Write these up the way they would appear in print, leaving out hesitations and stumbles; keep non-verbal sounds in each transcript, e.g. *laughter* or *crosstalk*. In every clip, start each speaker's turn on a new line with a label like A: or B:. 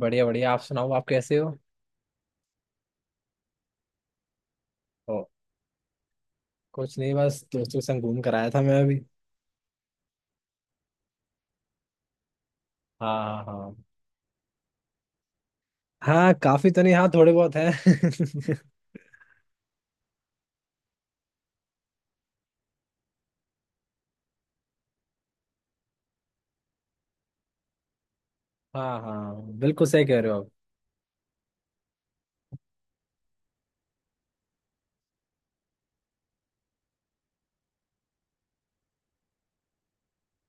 A: बढ़िया बढ़िया। आप सुनाओ, आप कैसे हो? ओ। कुछ नहीं, बस दोस्तों के संग घूम कर आया था मैं अभी। हाँ हाँ। हाँ, काफी तो नहीं, हाँ थोड़े बहुत हैं। *laughs* हाँ हाँ, बिल्कुल सही कह रहे हो आप।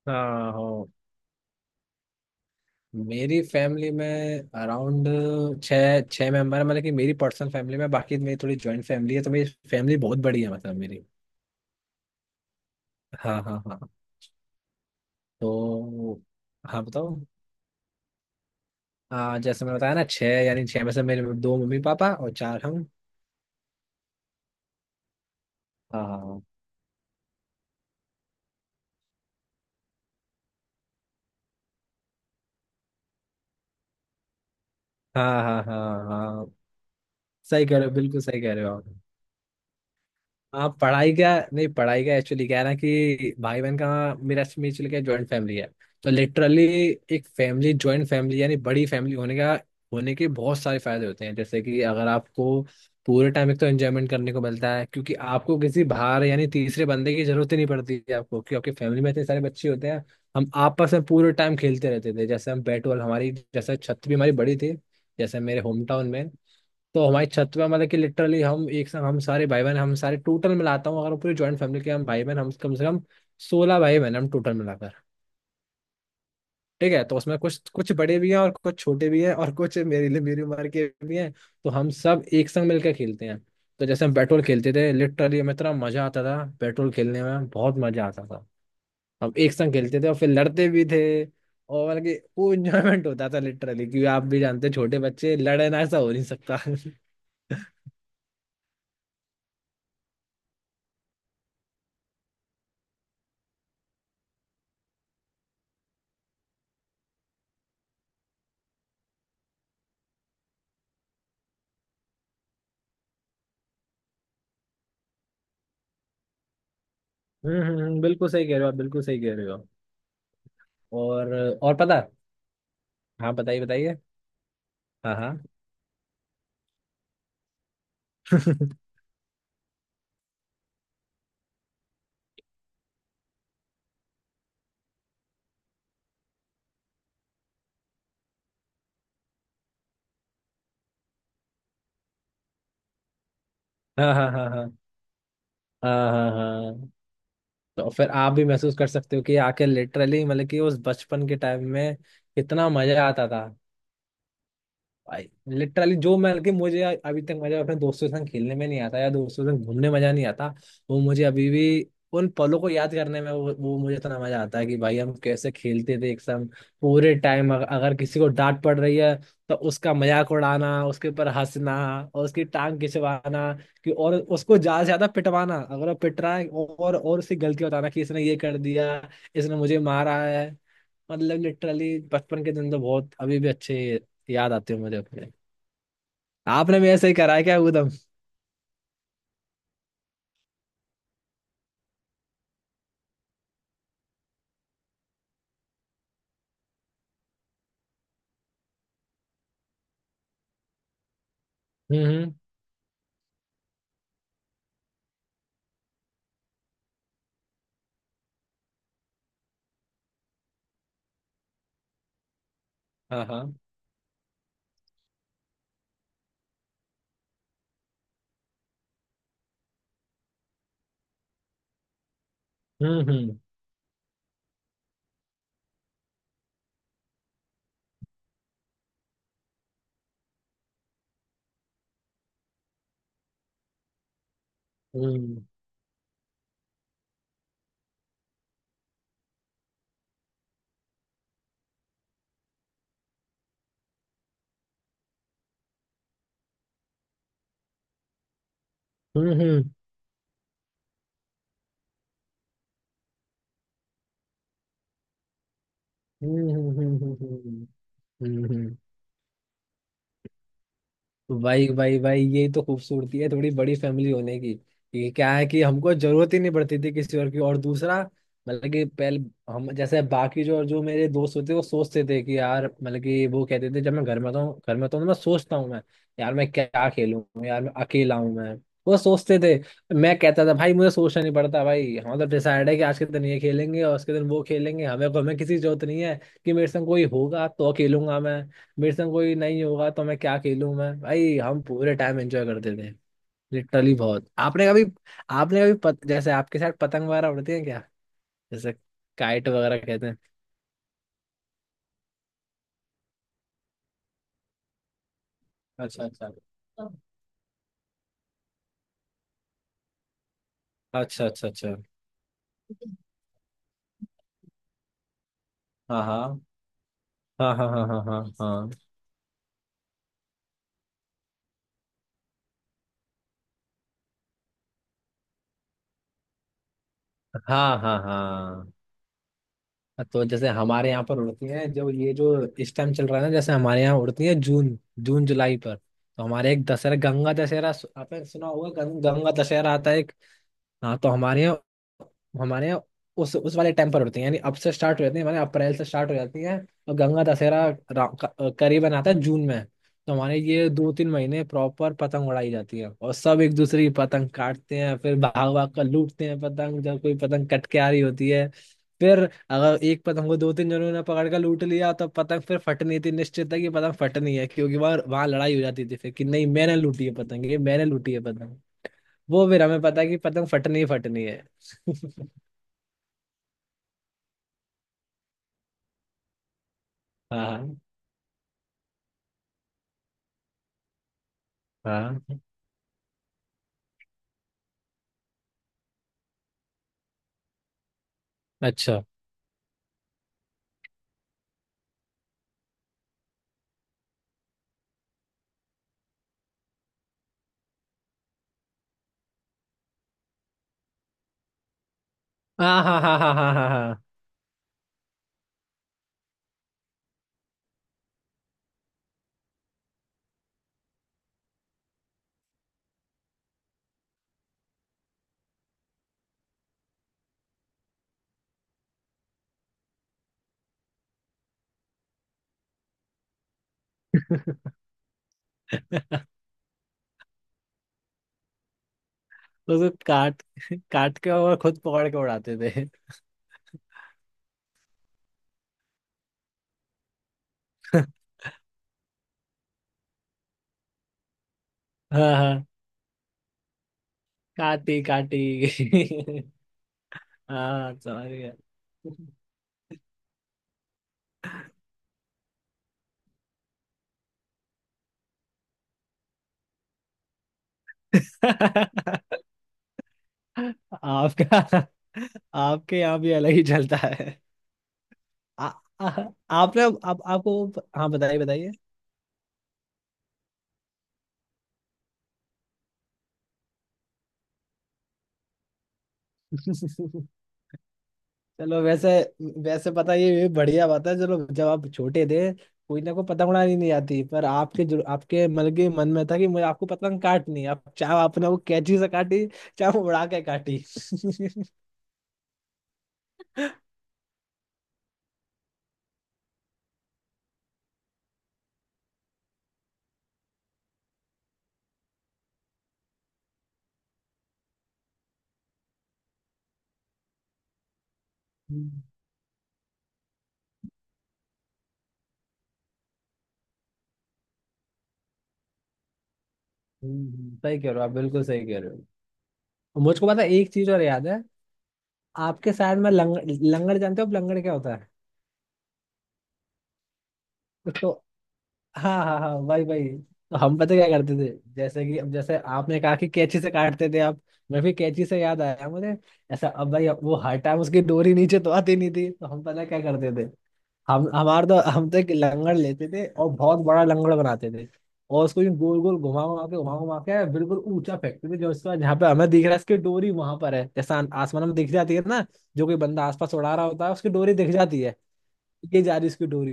A: हाँ हो। मेरी फैमिली में अराउंड छः छः मेंबर है, मतलब कि मेरी पर्सनल फैमिली में। बाकी मेरी थोड़ी जॉइंट फैमिली है, तो मेरी फैमिली बहुत बड़ी है, मतलब मेरी। हाँ हाँ हाँ। तो। हाँ बताओ। हाँ, जैसे मैंने बताया ना छः, यानी छः में से मेरे दो मम्मी पापा और चार हम। हाँ हाँ हाँ। हाँ हाँ हाँ हाँ, सही कह रहे हो, बिल्कुल सही कह रहे हो आप। हाँ, पढ़ाई का। नहीं, पढ़ाई का एक्चुअली क्या है ना, कि भाई बहन का मेरा म्यूचुअल का जॉइंट फैमिली है। तो लिटरली एक फैमिली, जॉइंट फैमिली, यानी बड़ी फैमिली होने का, होने के बहुत सारे फायदे होते हैं। जैसे कि अगर आपको पूरे टाइम एक तो एंजॉयमेंट करने को मिलता है, क्योंकि आपको किसी बाहर, यानी तीसरे बंदे की जरूरत ही नहीं पड़ती है आपको, क्योंकि आपकी फैमिली में इतने सारे बच्चे होते हैं। हम आपस में पूरे टाइम खेलते रहते थे, जैसे हम बैट बॉल, हमारी जैसे छत भी हमारी बड़ी थी, जैसे मेरे होम टाउन में। तो हमारी छत पे मतलब कि लिटरली हम एक साथ, हम सारे भाई बहन, हम सारे टोटल मिलाता हूँ अगर हम पूरी ज्वाइंट फैमिली के, हम भाई बहन हम कम से कम 16 भाई बहन हम टोटल मिलाकर। ठीक है, तो उसमें कुछ कुछ बड़े भी हैं और कुछ छोटे भी हैं और कुछ मेरे लिए मेरी उम्र के भी हैं, तो हम सब एक संग मिलकर खेलते हैं। तो जैसे हम पेट्रोल खेलते थे, लिटरली हमें इतना मजा आता था, पेट्रोल खेलने में बहुत मजा आता था। हम एक संग खेलते थे और फिर लड़ते भी थे। और मतलब कि वो इंजॉयमेंट होता था लिटरली, क्योंकि आप भी जानते हैं, छोटे बच्चे लड़ना ऐसा हो नहीं सकता। *laughs* बिल्कुल सही कह रहे हो आप, बिल्कुल सही कह रहे हो। और। और पता। हाँ बताइए बताइए। हाँ हाँ। *laughs* हाँ हाँ हाँ हाँ हाँ हाँ हाँ। तो फिर आप भी महसूस कर सकते हो कि आके लिटरली मतलब कि उस बचपन के टाइम में कितना मजा आता था। भाई लिटरली, जो मैं, कि मुझे अभी तक मजा अपने दोस्तों के संग खेलने में नहीं आता या दोस्तों के संग घूमने में मजा नहीं आता, वो मुझे अभी भी, उन पलों को याद करने में, वो मुझे इतना मजा आता है कि भाई हम कैसे खेलते थे एक संग, पूरे टाइम। अगर किसी को डांट पड़ रही है, तो उसका मजाक उड़ाना, उसके ऊपर हंसना, और उसकी टांग खिंचवाना, कि और उसको ज्यादा से ज्यादा पिटवाना अगर वो पिट रहा है, और उसकी गलती बताना कि इसने ये कर दिया, इसने मुझे मारा है। मतलब लिटरली बचपन के दिन तो बहुत अभी भी अच्छे याद आते हो मुझे अपने। आपने भी ऐसे ही करा है क्या उदम? हम्म। हाँ हाँ। हम्म हम्म हम्म हम्म हम्म हम्म हम्म हम्म हम्म हम्म, हम्म, हम्म, भाई भाई भाई, ये तो खूबसूरती है थोड़ी बड़ी फैमिली होने की। ये क्या है कि हमको जरूरत ही नहीं पड़ती थी किसी और की। और दूसरा, मतलब कि पहले, हम जैसे बाकी जो जो मेरे दोस्त होते, वो सोचते थे कि यार, मतलब कि वो कहते थे जब मैं घर में था, घर में था, तो मैं सोचता हूँ मैं, यार मैं क्या खेलूं, यार मैं अकेला हूँ मैं, वो सोचते थे। मैं कहता था भाई मुझे सोचना नहीं पड़ता, भाई हम तो डिसाइड है कि आज के दिन ये खेलेंगे और उसके दिन वो खेलेंगे, हमें हमें किसी की जरूरत नहीं है, कि मेरे संग कोई होगा तो खेलूंगा मैं, मेरे संग कोई नहीं होगा तो मैं क्या खेलूं मैं। भाई हम पूरे टाइम एंजॉय करते थे लिटरली बहुत। आपने कभी जैसे आपके साथ पतंग वगैरह उड़ती है क्या, जैसे काइट वगैरह कहते हैं? अच्छा अच्छा, अच्छा अच्छा अच्छा। हाँ हाँ हाँ हाँ हाँ, हाँ हाँ हाँ हाँ हाँ हाँ। तो जैसे हमारे यहाँ पर उड़ती हैं, जो ये जो इस टाइम चल रहा है ना, जैसे हमारे यहाँ उड़ती हैं जून जून जुलाई पर। तो हमारे एक दशहरा, गंगा दशहरा, आपने सुना होगा, गंगा दशहरा आता है। हाँ, तो हमारे यहाँ, हमारे यहाँ उस वाले टाइम पर होती है, यानी अब से स्टार्ट हो जाती है, हमारे यहाँ अप्रैल से स्टार्ट हो जाती है। और गंगा दशहरा करीबन आता है जून में। तो हमारे ये 2-3 महीने प्रॉपर पतंग उड़ाई जाती है और सब एक दूसरे की पतंग काटते हैं, फिर भाग भाग कर लूटते हैं पतंग जब कोई पतंग कट के आ रही होती है। फिर अगर एक पतंग को दो तीन जनों ने पकड़ कर लूट लिया तो पतंग फिर फटनी थी, निश्चित है कि पतंग फटनी है, क्योंकि वहां वहां लड़ाई हो जाती थी, फिर कि नहीं मैंने लूटी है पतंग, ये मैंने लूटी है पतंग। वो फिर हमें पता है कि पतंग फटनी ही फटनी है। *laughs* हाँ हाँ। अच्छा। हाँ हाँ हाँ हाँ हाँ हाँ हाँ। *laughs* उसको काट, काट के और खुद पकड़ के उड़ाते थे। *laughs* हाँ हाँ, काटी काटी। *laughs* हाँ, समझ गया। आपका, आपके यहाँ भी अलग ही चलता है। आ, आ, आपने आप, आपको। हाँ बताइए बताइए। *laughs* चलो, वैसे, वैसे पता है, ये बढ़िया बात है। चलो, जब आप छोटे थे, कोई ना कोई पतंग उड़ानी नहीं आती, पर आपके जो, आपके मतलब कि मन में था कि मुझे, आपको पतंग काटनी है। आप चाहे आपने वो कैंची से काटी, चाहे वो उड़ा के काटी। *laughs* हम्म, सही कह रहे हो आप, बिल्कुल सही कह रहे हो। मुझको पता है, एक चीज और याद है। आपके साइड में लंगड़, लंगड़ जानते हो आप, लंगड़ क्या होता है? तो, हाँ हाँ हाँ, भाई भाई। तो हम पता क्या करते थे, जैसे कि अब जैसे आपने कहा कि कैंची से काटते थे आप, मैं भी कैंची से, याद आया मुझे। ऐसा, अब भाई अब वो हर टाइम उसकी डोरी नीचे तो आती नहीं थी, तो हम पता क्या करते थे। हम हमारे तो हम तो एक लंगड़ लेते थे और बहुत बड़ा लंगड़ बनाते थे। और उसको यूं गोल गोल घुमा घुमा के बिल्कुल ऊंचा फेंकते थे, जो उसका, जहाँ पे हमें दिख रहा है उसकी डोरी वहां पर है, जैसा आसमान में दिख जाती है ना, जो कोई बंदा आसपास उड़ा रहा होता है उसकी डोरी दिख जाती है, ये जा रही उसकी डोरी।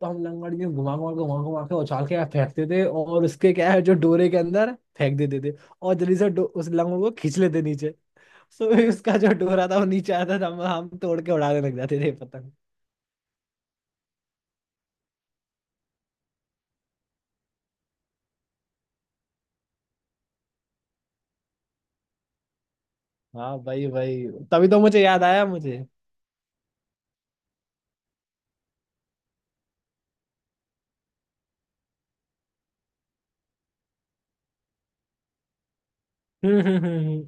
A: तो हम लंगड़ यूं घुमा घुमा के उछाल के फेंकते थे, और उसके क्या है, जो डोरे के अंदर फेंक देते थे और जल्दी से उस लंगड़ को खींच लेते नीचे। सो उसका जो डोरा था वो नीचे आता था, हम तोड़ के उड़ाने लग जाते थे। हाँ भाई भाई, तभी तो मुझे याद आया मुझे। *laughs* हम्म हम्म हम्म, हम्म।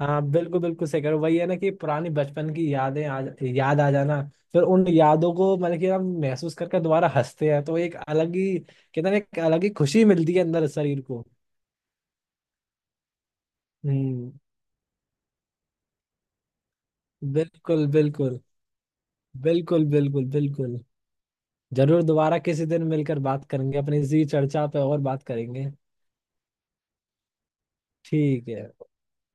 A: हाँ बिल्कुल बिल्कुल, सही करो, वही है ना कि पुरानी बचपन की यादें, आ याद आ जाना। फिर उन यादों को मतलब कि हम महसूस करके दोबारा हंसते हैं, तो एक अलग ही, कहते हैं ना, एक अलग ही खुशी मिलती है अंदर शरीर को। हम्म, बिल्कुल बिल्कुल, बिल्कुल बिल्कुल बिल्कुल। जरूर, दोबारा किसी दिन मिलकर बात करेंगे, अपनी इसी चर्चा पे और बात करेंगे। ठीक है।